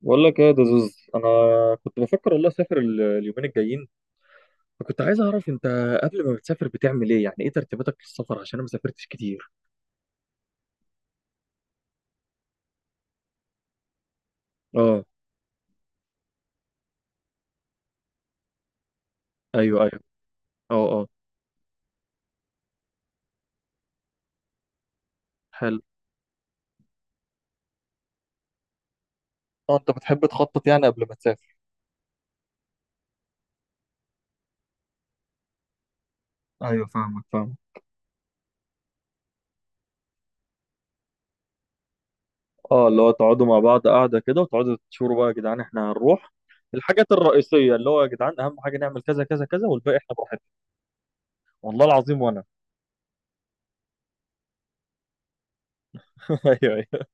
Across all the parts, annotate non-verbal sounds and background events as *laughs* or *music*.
بقول لك ايه يا دزوز، انا كنت بفكر والله اسافر اليومين الجايين. فكنت عايز اعرف انت قبل ما بتسافر بتعمل ايه، يعني ايه ترتيباتك للسفر، عشان انا ما سافرتش كتير. اه. ايوه، ايوه. اه، اه. حلو. اه، انت بتحب تخطط يعني قبل ما تسافر؟ ايوه، فاهمك، فاهم. اه، اللي هو تقعدوا مع بعض قاعده كده وتقعدوا تشوروا بقى، يا جدعان احنا هنروح الحاجات الرئيسيه، اللي هو يا جدعان اهم حاجه نعمل كذا كذا كذا، والباقي احنا براحتنا. والله العظيم، وانا *laughs* ايوه، ايوه،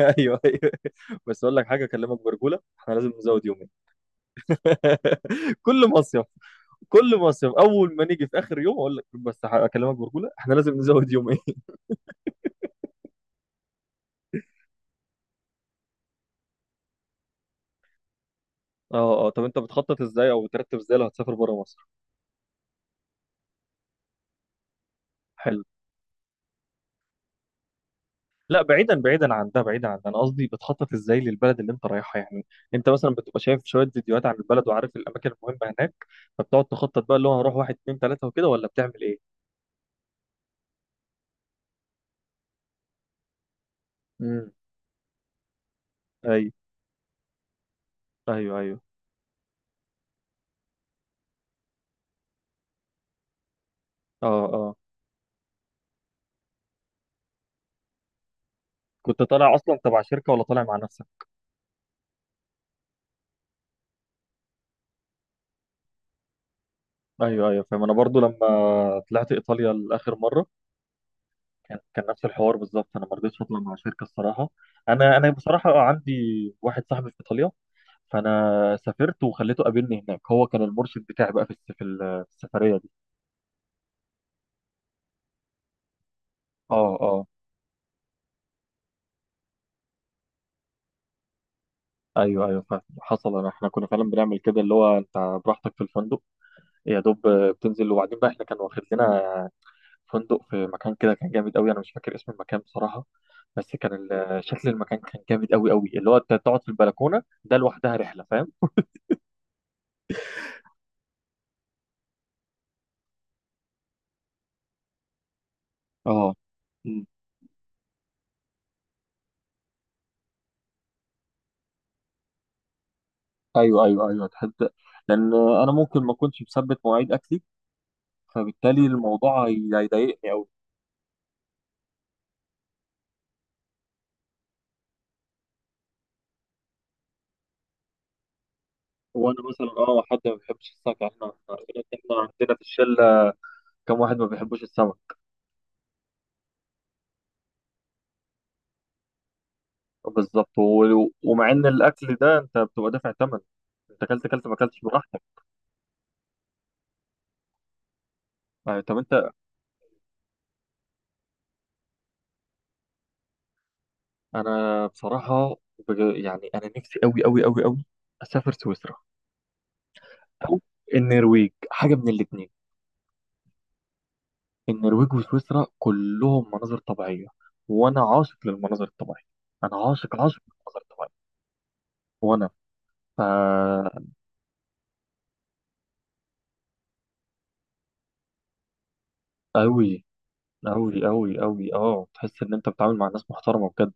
ايوه، ايوه. بس اقول لك حاجه اكلمك برجوله، احنا لازم نزود يومين. *laughs* كل مصيف كل مصيف اول ما نيجي في اخر يوم اقول لك بس اكلمك برجوله، احنا لازم نزود يومين. *laughs* اه، اه. طب انت بتخطط ازاي او بترتب ازاي لو هتسافر بره مصر؟ حلو. لا، بعيدا بعيدا عن ده، بعيدا عن ده، انا قصدي بتخطط ازاي للبلد اللي انت رايحها يعني. انت مثلا بتبقى شايف شويه فيديوهات عن البلد وعارف الاماكن المهمه هناك، فبتقعد تخطط بقى اللي هو هروح واحد، اتنين، تلاته وكده، ولا بتعمل ايه؟ امم. ايوه، ايوه، ايوه. اه، اه. كنت طالع اصلا تبع شركه، ولا طالع مع نفسك؟ ايوه، ايوه، فاهم. انا برضو لما طلعت ايطاليا لاخر مره كان نفس الحوار بالظبط، انا ما رضيتش اطلع مع شركه الصراحه. انا بصراحه عندي واحد صاحبي في ايطاليا. فانا سافرت وخليته قابلني هناك، هو كان المرشد بتاعي بقى في السفريه دي. اه، اه. ايوه، ايوه، فاهم، حصل. احنا كنا فعلا بنعمل كده، اللي هو انت براحتك في الفندق، يا دوب بتنزل. وبعدين بقى احنا كان واخد لنا فندق في مكان كده كان جامد قوي، انا مش فاكر اسم المكان بصراحه. بس كان شكل المكان كان جامد قوي قوي، اللي هو انت تقعد في البلكونه ده لوحدها رحله فاهم. اه. ايوه، ايوه، ايوه، تحس. لان انا ممكن ما اكونش مثبت مواعيد اكلي، فبالتالي الموضوع هيضايقني قوي. وانا مثلا، حد ما بيحبش السمك يعني، احنا عندنا في الشله كم واحد ما بيحبوش السمك. بالظبط. ومع ان الاكل ده انت بتبقى دافع ثمن، انت اكلت ما اكلتش براحتك. طب انت. انا بصراحه يعني انا نفسي قوي قوي قوي قوي اسافر سويسرا، او النرويج، حاجه من الاثنين. النرويج وسويسرا كلهم مناظر طبيعية، وأنا عاشق للمناظر الطبيعية. أنا عاشق عاشق للمناظر الطبيعية. وأنا فا أوي أوي أوي أوي، تحس إن أنت بتتعامل مع ناس محترمة بجد.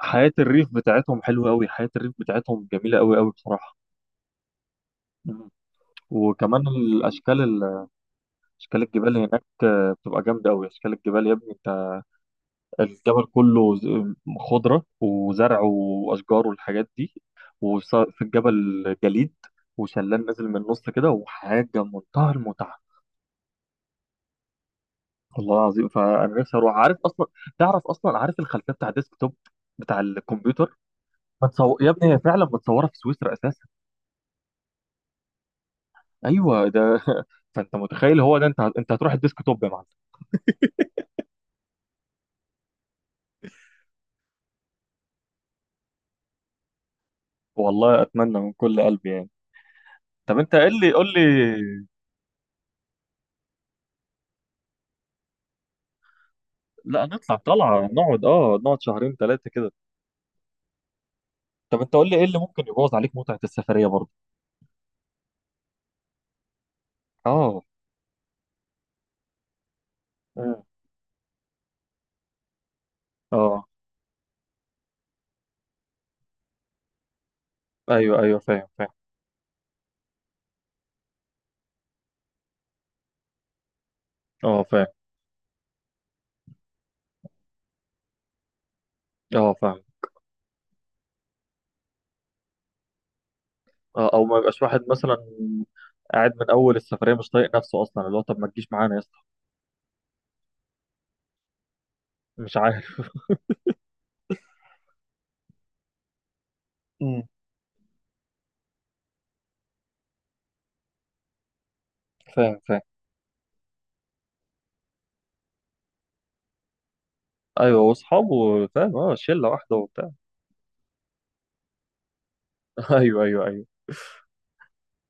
حياة الريف بتاعتهم حلوة أوي، حياة الريف بتاعتهم جميلة أوي أوي بصراحة. مم. وكمان أشكال الجبال هناك بتبقى جامدة أوي. أشكال الجبال يا ابني أنت، الجبل كله خضرة وزرع وأشجار والحاجات دي. وفي الجبل جليد، وشلال نازل من النص كده، وحاجة منتهى المتعة. والله العظيم، فأنا نفسي أروح. عارف أصلا، تعرف أصلا، عارف الخلفية بتاع الديسك توب بتاع الكمبيوتر؟ يا ابني هي فعلا متصورة في سويسرا أساسا. أيوه ده. *laughs* فأنت متخيل هو ده، أنت هتروح الديسك توب يا معلم. والله أتمنى من كل قلبي يعني. طب أنت قل لي، قول لي. لا نطلع طلعة، نقعد شهرين ثلاثة كده. طب انت قول لي، ايه اللي ممكن يبوظ عليك متعة السفرية برضه؟ اه. مم. اه. ايوه، ايوه، فاهم، فاهم. اه، فاهم. اه، فاهم. اه، او ما يبقاش واحد مثلا قاعد من اول السفرية مش طايق نفسه اصلا، اللي هو طب ما تجيش معانا يا اسطى. مش عارف. مم. فاهم، فاهم. ايوه، واصحابه فاهم، اه، شلة واحدة وبتاع. *laughs* ايوه، ايوه، ايوه.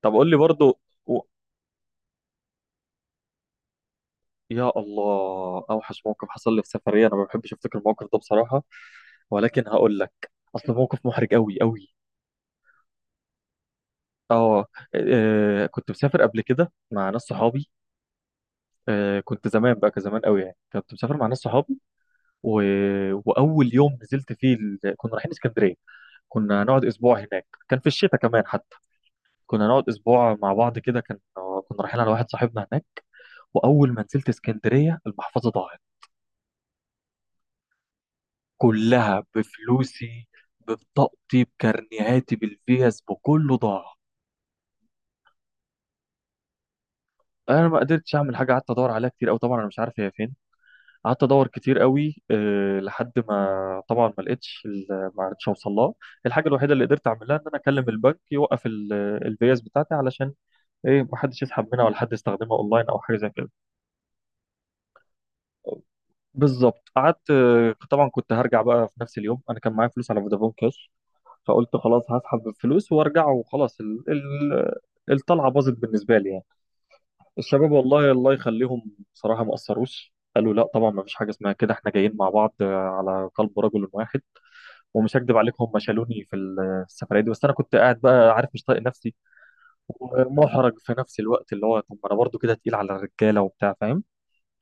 طب قول لي برضه. و... يا الله، اوحش موقف حصل لي في سفرية، انا ما بحبش افتكر الموقف ده بصراحة. ولكن هقول لك، اصل موقف محرج قوي قوي. اه. كنت مسافر قبل كده مع ناس صحابي. كنت زمان بقى، كزمان قوي يعني كنت مسافر مع ناس صحابي، و... واول يوم نزلت فيه كنا رايحين اسكندريه. كنا هنقعد اسبوع هناك، كان في الشتاء كمان حتى. كنا نقعد اسبوع مع بعض كده، كان كنا رايحين على واحد صاحبنا هناك. واول ما نزلت اسكندريه، المحفظه ضاعت، كلها بفلوسي، ببطاقتي، بكارنيهاتي، بالفيز، بكله ضاع. انا ما قدرتش اعمل حاجه، قعدت ادور عليها كتير قوي، طبعا انا مش عارف هي فين. قعدت ادور كتير قوي، لحد ما، طبعا، ما لقيتش ما عرفتش اوصل لها. الحاجه الوحيده اللي قدرت اعملها ان انا اكلم البنك يوقف الفيز بتاعتي، علشان ايه، ما حدش يسحب منها ولا حد يستخدمها اونلاين او حاجه زي كده. بالظبط، قعدت طبعا كنت هرجع بقى في نفس اليوم، انا كان معايا فلوس على فودافون كاش. فقلت خلاص هسحب الفلوس وارجع وخلاص، الطلعه باظت بالنسبه لي يعني. الشباب، والله الله يخليهم، بصراحه ما قصروش، قالوا لا طبعا ما فيش حاجه اسمها كده، احنا جايين مع بعض على قلب رجل واحد. ومش هكدب عليكم، هم شالوني في السفرية دي. بس أنا كنت قاعد بقى، عارف، مش طايق نفسي، ومحرج في نفس الوقت، اللي هو طب ما أنا برضه كده تقيل على الرجالة وبتاع فاهم.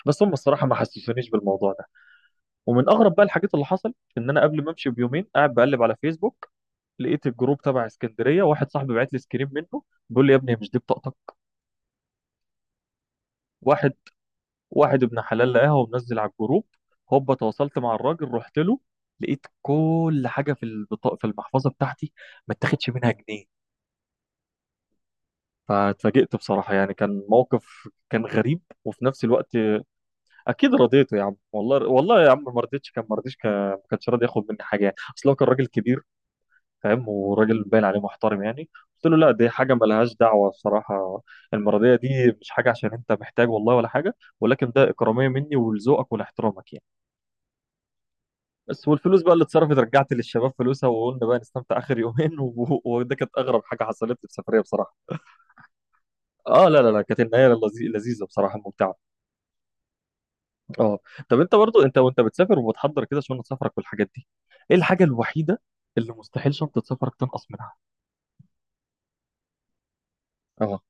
بس هم الصراحة ما حسسونيش بالموضوع ده. ومن أغرب بقى الحاجات اللي حصل، إن أنا قبل ما أمشي بيومين قاعد بقلب على فيسبوك، لقيت الجروب تبع اسكندرية، واحد صاحبي بعت لي سكرين منه، بيقول لي يا ابني هي مش دي بطاقتك؟ واحد واحد ابن حلال لقاها ومنزل على الجروب. هوبا تواصلت مع الراجل، رحت له، لقيت كل حاجة في البطاقة، في المحفظة بتاعتي، ما اتاخدش منها جنيه. فاتفاجئت بصراحة يعني، كان موقف كان غريب وفي نفس الوقت. أكيد رضيته يا عم، والله والله يا عم ما كانش راضي ياخد مني حاجة، يعني أصل هو كان راجل كبير فاهم، وراجل باين عليه محترم يعني. قلت له لا، دي حاجة ملهاش دعوة، الصراحة المرضية دي مش حاجة عشان أنت محتاج والله ولا حاجة، ولكن ده إكرامية مني ولذوقك ولاحترامك يعني. بس والفلوس بقى اللي اتصرفت رجعت للشباب فلوسها، وقلنا بقى نستمتع آخر يومين. *laughs* وده كانت أغرب حاجة حصلت لي في السفرية بصراحة. اه، لا، لا، لا، كانت النهاية لذيذة بصراحة، ممتعة. اه. طب انت برضو، انت وانت بتسافر وبتحضر كده شنطه سفرك والحاجات دي، ايه الحاجه الوحيده اللي مستحيل شنطه سفرك تنقص منها؟ اه،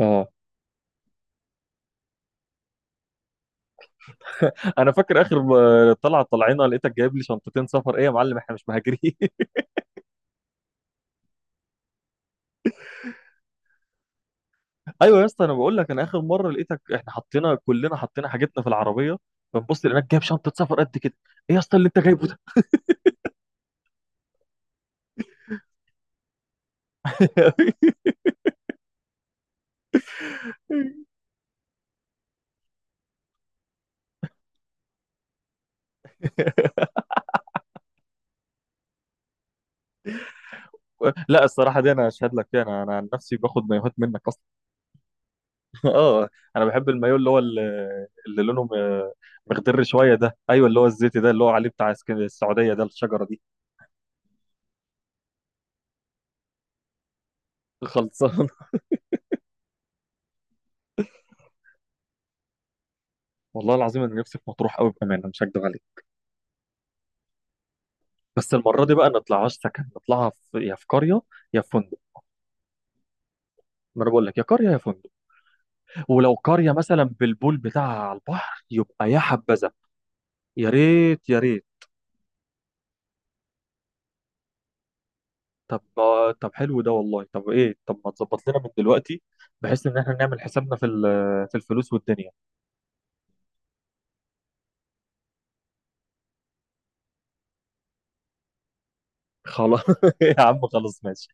اه. انا فاكر اخر طلعه طلعنا لقيتك جايب لي شنطتين سفر، ايه يا معلم احنا مش مهاجرين؟ *laughs* ايوه يا اسطى، انا بقول لك، انا اخر مره لقيتك احنا كلنا حطينا حاجتنا في العربيه، بنبص لقيناك جايب شنطه سفر قد كده، ايه يا اسطى اللي انت جايبه ده؟ *laughs* لا، الصراحه دي انا اشهد لك فيها. انا عن نفسي باخد مايوهات منك. اه، انا بحب المايو اللي هو اللي لونه مخضر شويه ده. ايوه اللي هو الزيتي ده، اللي هو عليه بتاع السعوديه ده، الشجره دي. خلصان. *laughs* والله العظيم انا نفسي في مطروح قوي بامانه، مش هكدب عليك. بس المره دي بقى ما نطلعهاش سكن، نطلعها يا في قريه يا في فندق. ما انا بقول لك، يا قريه يا فندق. ولو قريه مثلا بالبول بتاعها على البحر، يبقى يا حبذا. يا ريت، يا ريت. طب طب حلو ده والله. طب ايه، طب ما تظبط لنا من دلوقتي، بحيث ان احنا نعمل حسابنا في الفلوس والدنيا. خلاص. *laughs* يا عم خلاص ماشي.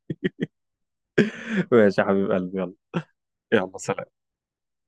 ماشي يا حبيب قلبي، يلا. يلا سلام.